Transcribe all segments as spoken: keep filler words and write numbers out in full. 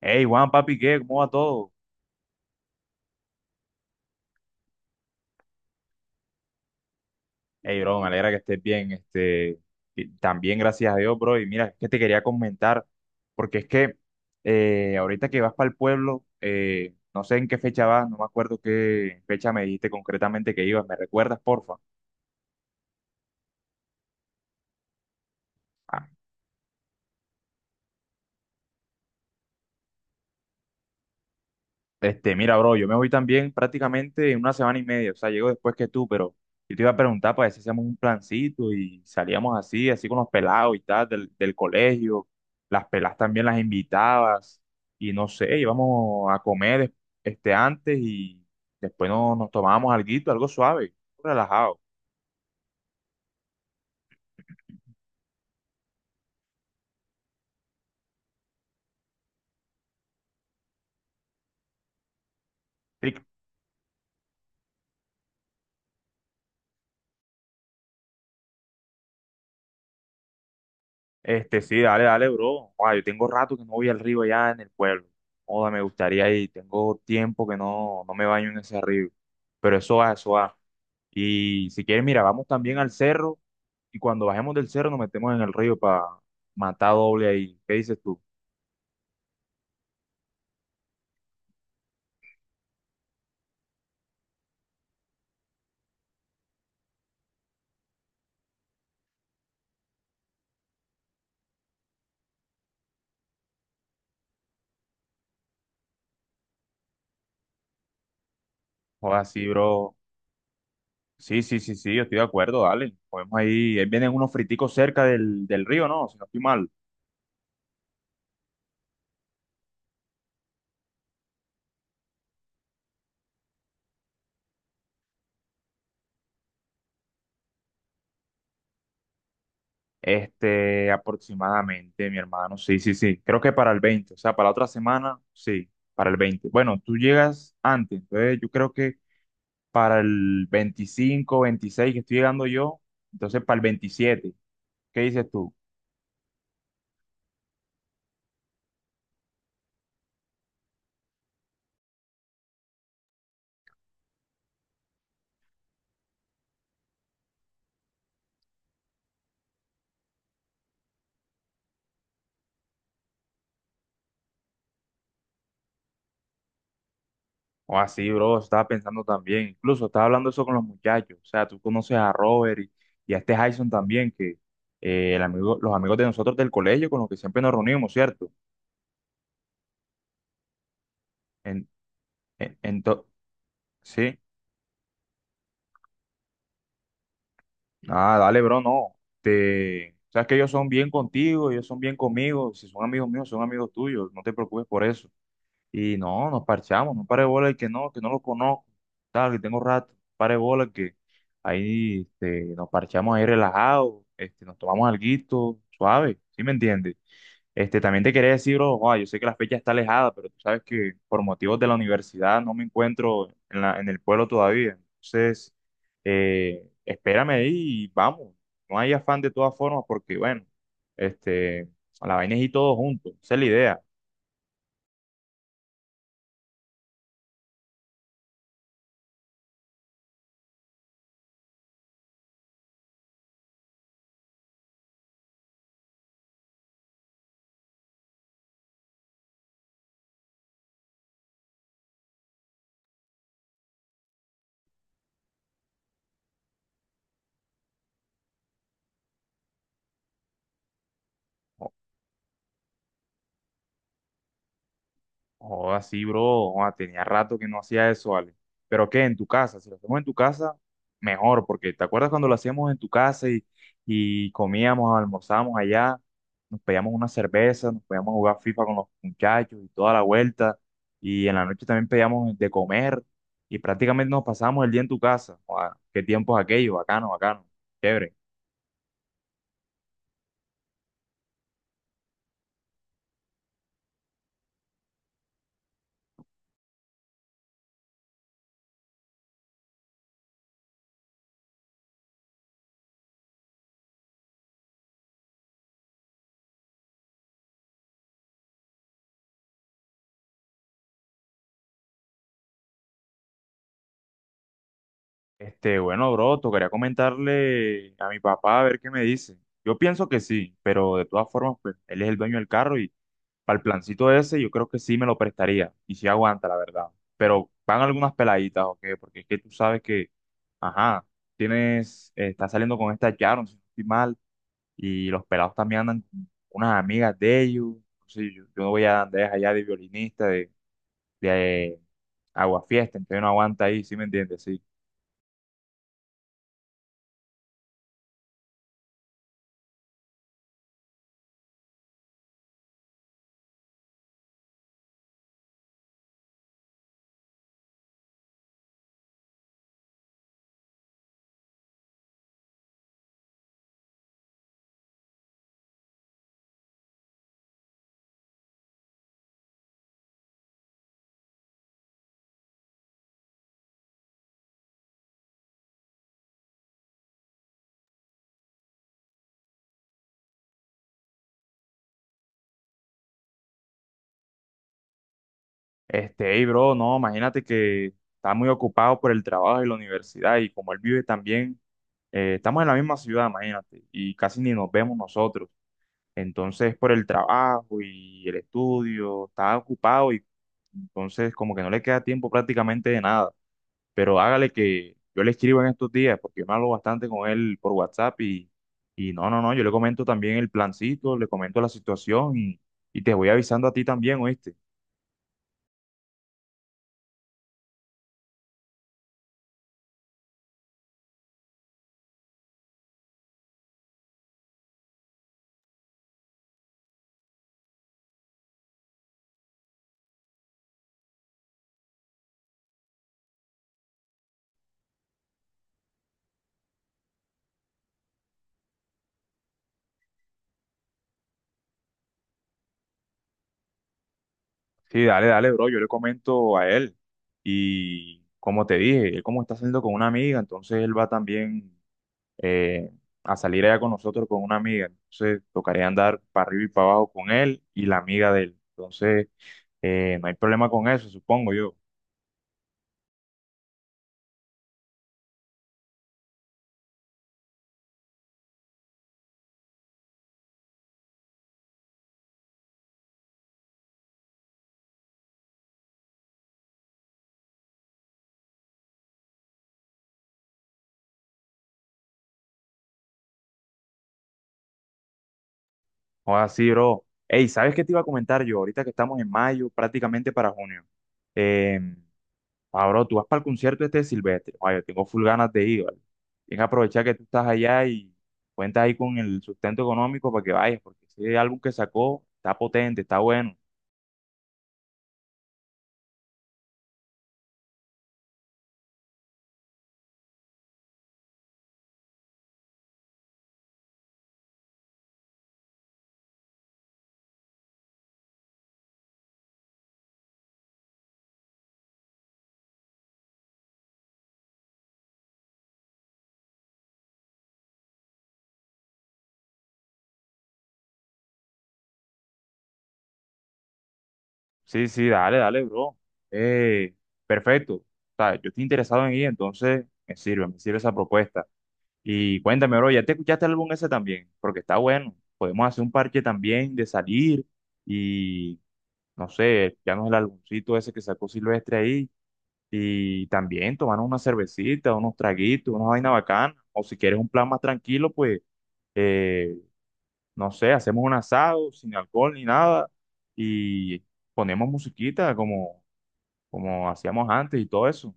Hey, Juan, papi, ¿qué? ¿Cómo va todo? Hey, bro, me alegra que estés bien. Este, y también gracias a Dios, bro. Y mira, es que te quería comentar, porque es que eh, ahorita que vas para el pueblo, eh, no sé en qué fecha vas, no me acuerdo qué fecha me dijiste concretamente que ibas. ¿Me recuerdas, porfa? Ah. Este, mira, bro, yo me voy también prácticamente en una semana y media, o sea, llego después que tú, pero yo te iba a preguntar para ver si hacíamos un plancito y salíamos así, así con los pelados y tal, del, del colegio, las pelas también las invitabas y no sé, íbamos a comer des- este antes y después no- nos tomábamos alguito, algo suave, relajado. Rico. Este, sí, dale, dale, bro. Guau, yo tengo rato que no voy al río allá en el pueblo. Joda, me gustaría ir, tengo tiempo que no, no me baño en ese río, pero eso va, eso va. Y si quieres, mira, vamos también al cerro y cuando bajemos del cerro nos metemos en el río para matar doble ahí. ¿Qué dices tú? Joder, sí, bro. Sí, sí, sí, sí, yo estoy de acuerdo, dale. Podemos ahí, ahí vienen unos friticos cerca del, del río, ¿no? Si no estoy mal. Este, aproximadamente, mi hermano. Sí, sí, sí. Creo que para el veinte, o sea, para la otra semana, sí, para el veinte. Bueno, tú llegas antes, entonces yo creo que para el veinticinco, veintiséis que estoy llegando yo, entonces para el veintisiete. ¿Qué dices tú? O así, bro, estaba pensando también. Incluso estaba hablando eso con los muchachos. O sea, tú conoces a Robert y, y a este Jason también, que eh, el amigo, los amigos de nosotros del colegio con los que siempre nos reunimos, ¿cierto? En, en, ento- sí. Ah, dale, bro, no. Te, sabes que ellos son bien contigo, ellos son bien conmigo. Si son amigos míos, son amigos tuyos. No te preocupes por eso. Y no, nos parchamos, no pare bola el que no, que no lo conozco, tal, que tengo rato, pare bola el que ahí este, nos parchamos ahí relajados, este, nos tomamos alguito, suave, ¿sí me entiendes? Este, también te quería decir, bro, joa, yo sé que la fecha está alejada, pero tú sabes que por motivos de la universidad no me encuentro en la, en el pueblo todavía. Entonces, eh, espérame ahí y vamos. No hay afán de todas formas porque, bueno, este, la vaina es ir todos juntos, esa es la idea. Joda, sí, bro. Joda, tenía rato que no hacía eso, Ale. Pero qué, en tu casa, si lo hacemos en tu casa, mejor, porque ¿te acuerdas cuando lo hacíamos en tu casa y, y comíamos, almorzábamos allá, nos pedíamos una cerveza, nos podíamos jugar FIFA con los muchachos y toda la vuelta, y en la noche también pedíamos de comer y prácticamente nos pasábamos el día en tu casa. Joda, qué tiempos aquellos, bacano, bacano, chévere. Este, bueno, bro, tocaría comentarle a mi papá a ver qué me dice. Yo pienso que sí, pero de todas formas, pues, él es el dueño del carro y para el plancito ese yo creo que sí me lo prestaría y sí aguanta, la verdad. Pero van algunas peladitas, ¿o qué? Porque es que tú sabes que, ajá, tienes, eh, estás saliendo con esta Sharon, si no estoy mal, y los pelados también andan con unas amigas de ellos. Entonces, yo, yo no voy a andar allá de violinista, de, de, agua fiesta, entonces no aguanta ahí, ¿sí me entiendes? Sí. Este, hey, bro, no, imagínate que está muy ocupado por el trabajo y la universidad y como él vive también, eh, estamos en la misma ciudad, imagínate, y casi ni nos vemos nosotros. Entonces, por el trabajo y el estudio, está ocupado y entonces como que no le queda tiempo prácticamente de nada. Pero hágale que yo le escribo en estos días porque yo me hablo bastante con él por WhatsApp y, y no, no, no, yo le comento también el plancito, le comento la situación y, y te voy avisando a ti también, ¿oíste? Sí, dale, dale, bro. Yo le comento a él. Y como te dije, él como está saliendo con una amiga, entonces él va también eh, a salir allá con nosotros con una amiga. Entonces tocaría andar para arriba y para abajo con él y la amiga de él. Entonces eh, no hay problema con eso, supongo yo. O así, bro. Ey, ¿sabes qué te iba a comentar yo? Ahorita que estamos en mayo, prácticamente para junio. Em, Ah, bro, tú vas para el concierto este de Silvestre. Ay, yo tengo full ganas de ir, ¿vale? Tienes que aprovechar que tú estás allá y cuenta ahí con el sustento económico para que vayas, porque ese álbum que sacó está potente, está bueno. Sí, sí, dale, dale, bro. Eh, Perfecto. O sea, yo estoy interesado en ir, entonces me sirve, me sirve esa propuesta. Y cuéntame, bro, ¿ya te escuchaste el álbum ese también? Porque está bueno. Podemos hacer un parche también de salir y, no sé, ya no es el álbumcito ese que sacó Silvestre ahí y también tomar una cervecita, unos traguitos, una vaina bacana. O si quieres un plan más tranquilo, pues, eh, no sé, hacemos un asado sin alcohol ni nada y ponemos musiquita como, como hacíamos antes y todo eso.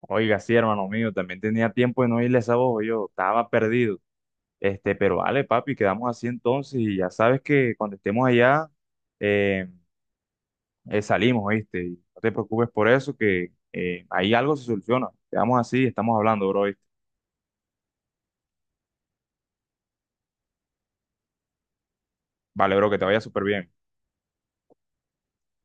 Oiga, sí, hermano mío, también tenía tiempo de no irle a esa voz, yo estaba perdido. Este, pero vale, papi, quedamos así entonces y ya sabes que cuando estemos allá, eh, eh, salimos, ¿viste? Y no te preocupes por eso, que eh, ahí algo se soluciona. Quedamos así, estamos hablando, bro, ¿oíste? Vale, bro, que te vaya súper bien.